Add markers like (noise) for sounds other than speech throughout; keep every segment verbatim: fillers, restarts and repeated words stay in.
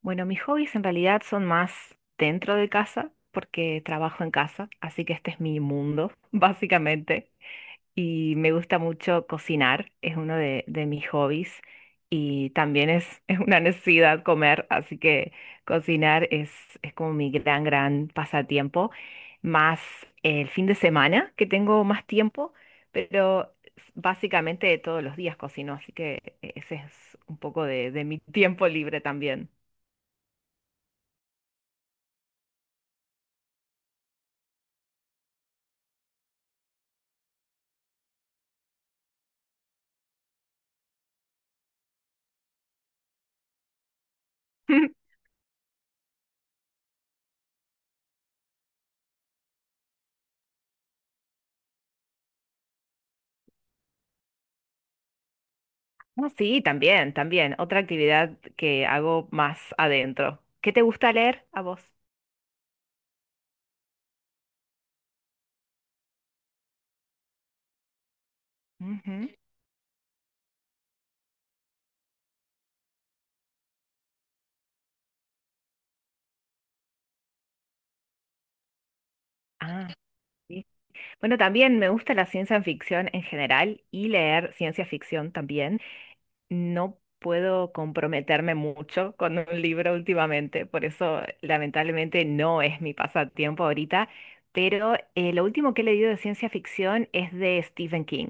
Bueno, mis hobbies en realidad son más dentro de casa, porque trabajo en casa, así que este es mi mundo, (laughs) básicamente. Y me gusta mucho cocinar, es uno de, de mis hobbies. Y también es, (laughs) es una necesidad comer, así que cocinar es, es como mi gran, gran pasatiempo. Más el fin de semana, que tengo más tiempo, pero s- básicamente todos los días cocino, así que ese es un poco de de mi (laughs) tiempo libre también. (laughs) Ah, Sí, también, también. Otra actividad que hago más adentro. ¿Qué te gusta leer a vos? Ujú. Ah, sí. Bueno, también me gusta la ciencia ficción en general y leer ciencia ficción también. No puedo comprometerme mucho con un libro últimamente, por eso lamentablemente no es mi pasatiempo ahorita, pero eh, lo último que he leído de ciencia ficción es de Stephen King.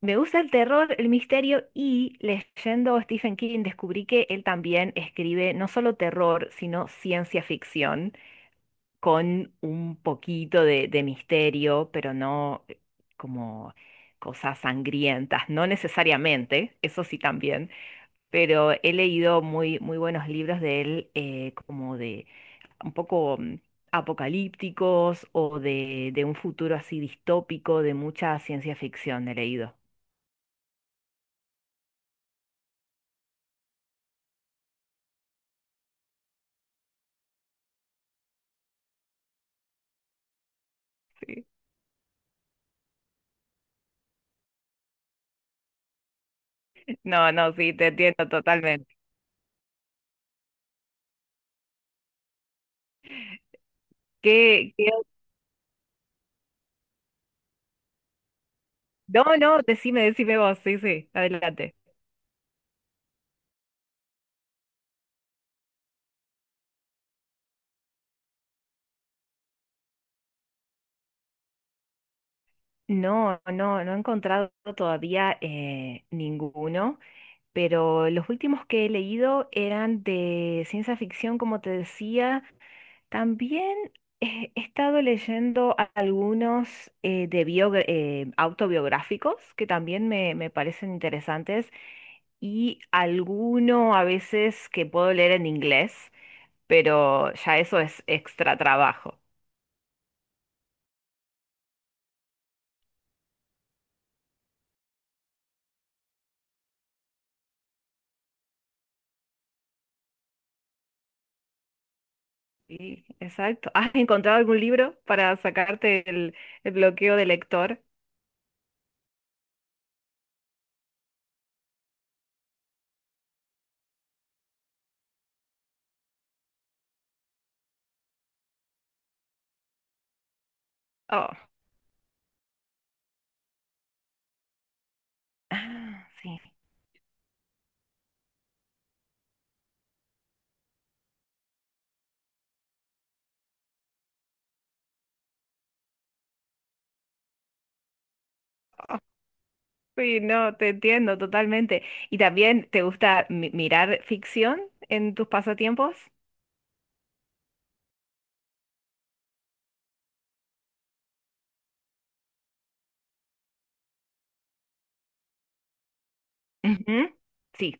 Me gusta el terror, el misterio y leyendo a Stephen King descubrí que él también escribe no solo terror, sino ciencia ficción con un poquito de, de misterio, pero no eh, como cosas sangrientas, no necesariamente, eso sí también, pero he leído muy, muy buenos libros de él eh, como de un poco mm, apocalípticos o de, de un futuro así distópico, de mucha ciencia ficción he leído. No, no, sí, te entiendo totalmente. ¿Qué, qué- No, no, decime, decime vos, sí, sí, adelante. No, no, no he encontrado todavía eh, ninguno, pero los últimos que he leído eran de ciencia ficción, como te decía. También he he estado leyendo a- algunos eh, de biogra- eh, autobiográficos que también me, me parecen interesantes y alguno a veces que puedo leer en inglés. pero ya eso es extra trabajo. Sí, exacto. ¿Has encontrado algún libro para sacarte el, el bloqueo de lector? Oh, ah, sí. Oh, sí, no, te entiendo totalmente. ¿Y también te gusta mi- mirar ficción en tus pasatiempos? Ujú, Sí.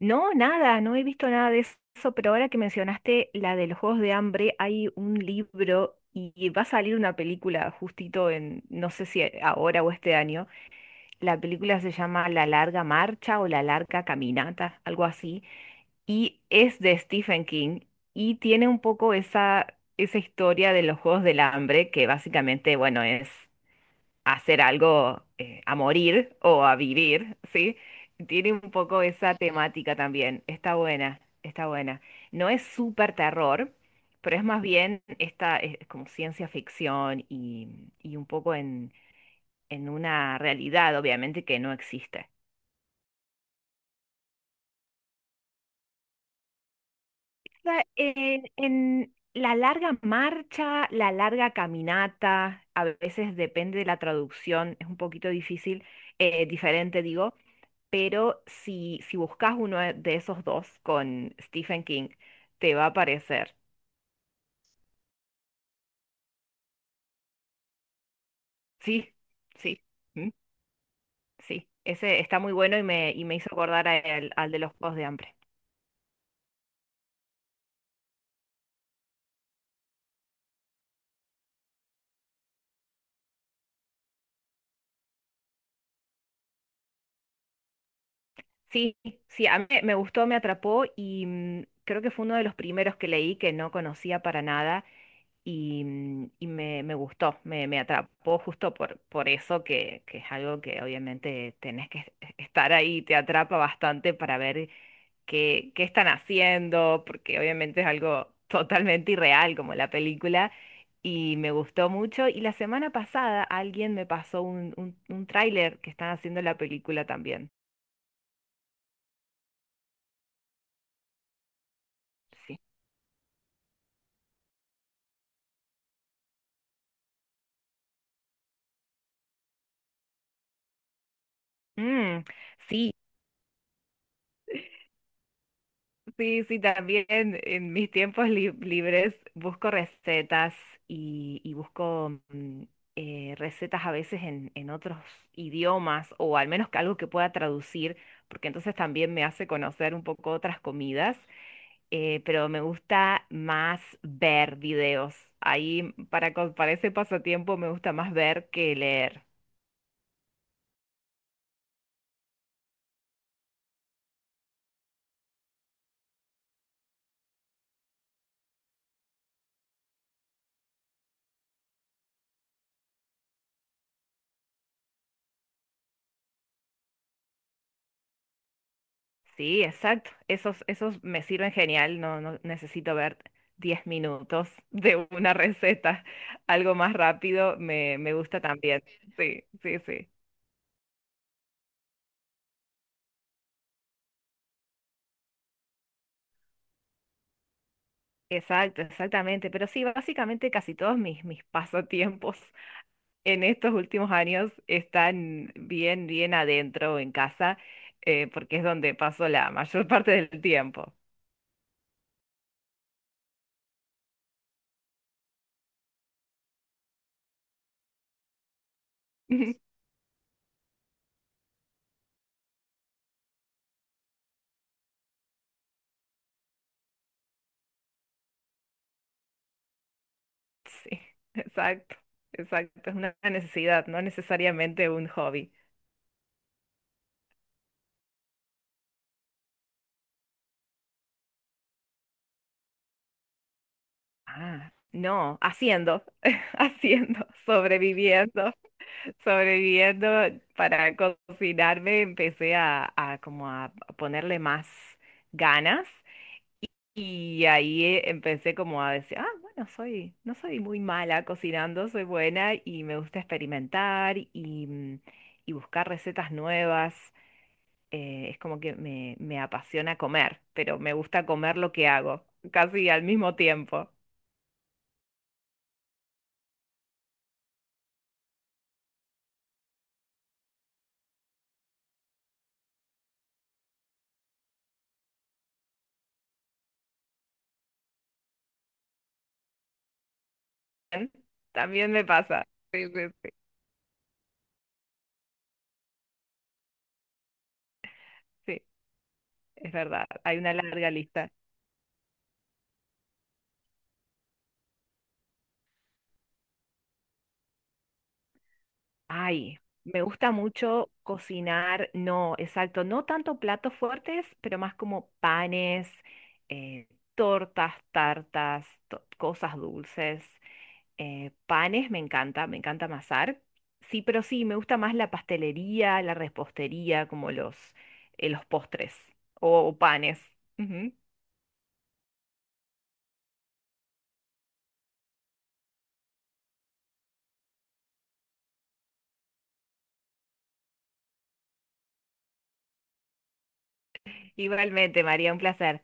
No, nada, no he visto nada de eso, pero ahora que mencionaste la de los Juegos de Hambre, hay un libro y y va a salir una película justito en, no sé si ahora o este año. La película se llama La larga marcha o La larga caminata, algo así, y es de Stephen King y tiene un poco esa, esa, historia de los Juegos del Hambre, que básicamente, bueno, es hacer algo eh, a morir o a vivir, ¿sí? Tiene un poco esa temática también. Está buena, está buena. No es súper terror, pero es más bien esta, es como ciencia ficción y, y un poco en en una realidad, obviamente, que no existe. sea, en, en la larga marcha, la larga caminata, a veces depende de la traducción, es un poquito difícil, eh, diferente digo, pero si, si buscas uno de de esos dos con Stephen King, te va a aparecer. Sí, sí, mm, sí. Ese está muy bueno y me, y me hizo acordar a el- al de los Juegos de Hambre. Sí, sí, a mí me gustó, me atrapó y mm, creo que fue uno de los primeros que leí que no conocía para nada y, mm, y me, me gustó, me, me atrapó justo por, por eso que, que es algo que obviamente tenés que es- estar ahí, te atrapa bastante para ver qué, qué están haciendo, porque obviamente es algo (laughs) totalmente irreal como la película y me gustó mucho. Y la semana pasada alguien me pasó un, un, un tráiler que están haciendo la película también. sí. Mm, sí, sí, sí, también en mis tiempos li- libres busco recetas y, y busco mm, eh, recetas a veces en, en otros idiomas o al menos que algo que pueda traducir, porque entonces también me hace conocer un poco otras comidas, eh, pero me gusta más ver videos. Ahí para, co- para ese pasatiempo me gusta más ver que leer. Sí, exacto. Esos, esos me sirven genial. No, no necesito ver diez minutos (laughs) de una receta. Algo más rápido me, me gusta también. Sí, sí, sí. Exacto, exactamente. Pero sí, básicamente casi todos mis, mis pasatiempos (laughs) en estos últimos años están bien, bien adentro en casa, eh, porque es donde paso la mayor parte del tiempo. (laughs) Sí, exacto, exacto. Es una necesidad, no necesariamente un hobby. Ah, no, haciendo, (laughs) haciendo, sobreviviendo, sobreviviendo para cocinarme, empecé a, a como a a ponerle más ganas y ahí eh, empecé como a decir, ah, bueno, soy, no soy muy mala cocinando, soy buena y me gusta experimentar y, mm, y buscar recetas nuevas. Eh, es como que me, me apasiona comer, pero me gusta comer lo que hago, casi al mismo tiempo. También me pasa. Sí, sí, sí, sí, es verdad. Hay una larga lista. Ay, me gusta mucho cocinar, no, exacto, no tanto platos fuertes, pero más como panes, eh, tortas, tartas, to- cosas dulces. Eh, panes me encanta, me encanta amasar. Sí, pero sí, me gusta más la pastelería, la repostería, como los, eh, los postres o, o panes. Ujú. Igualmente, María, un placer.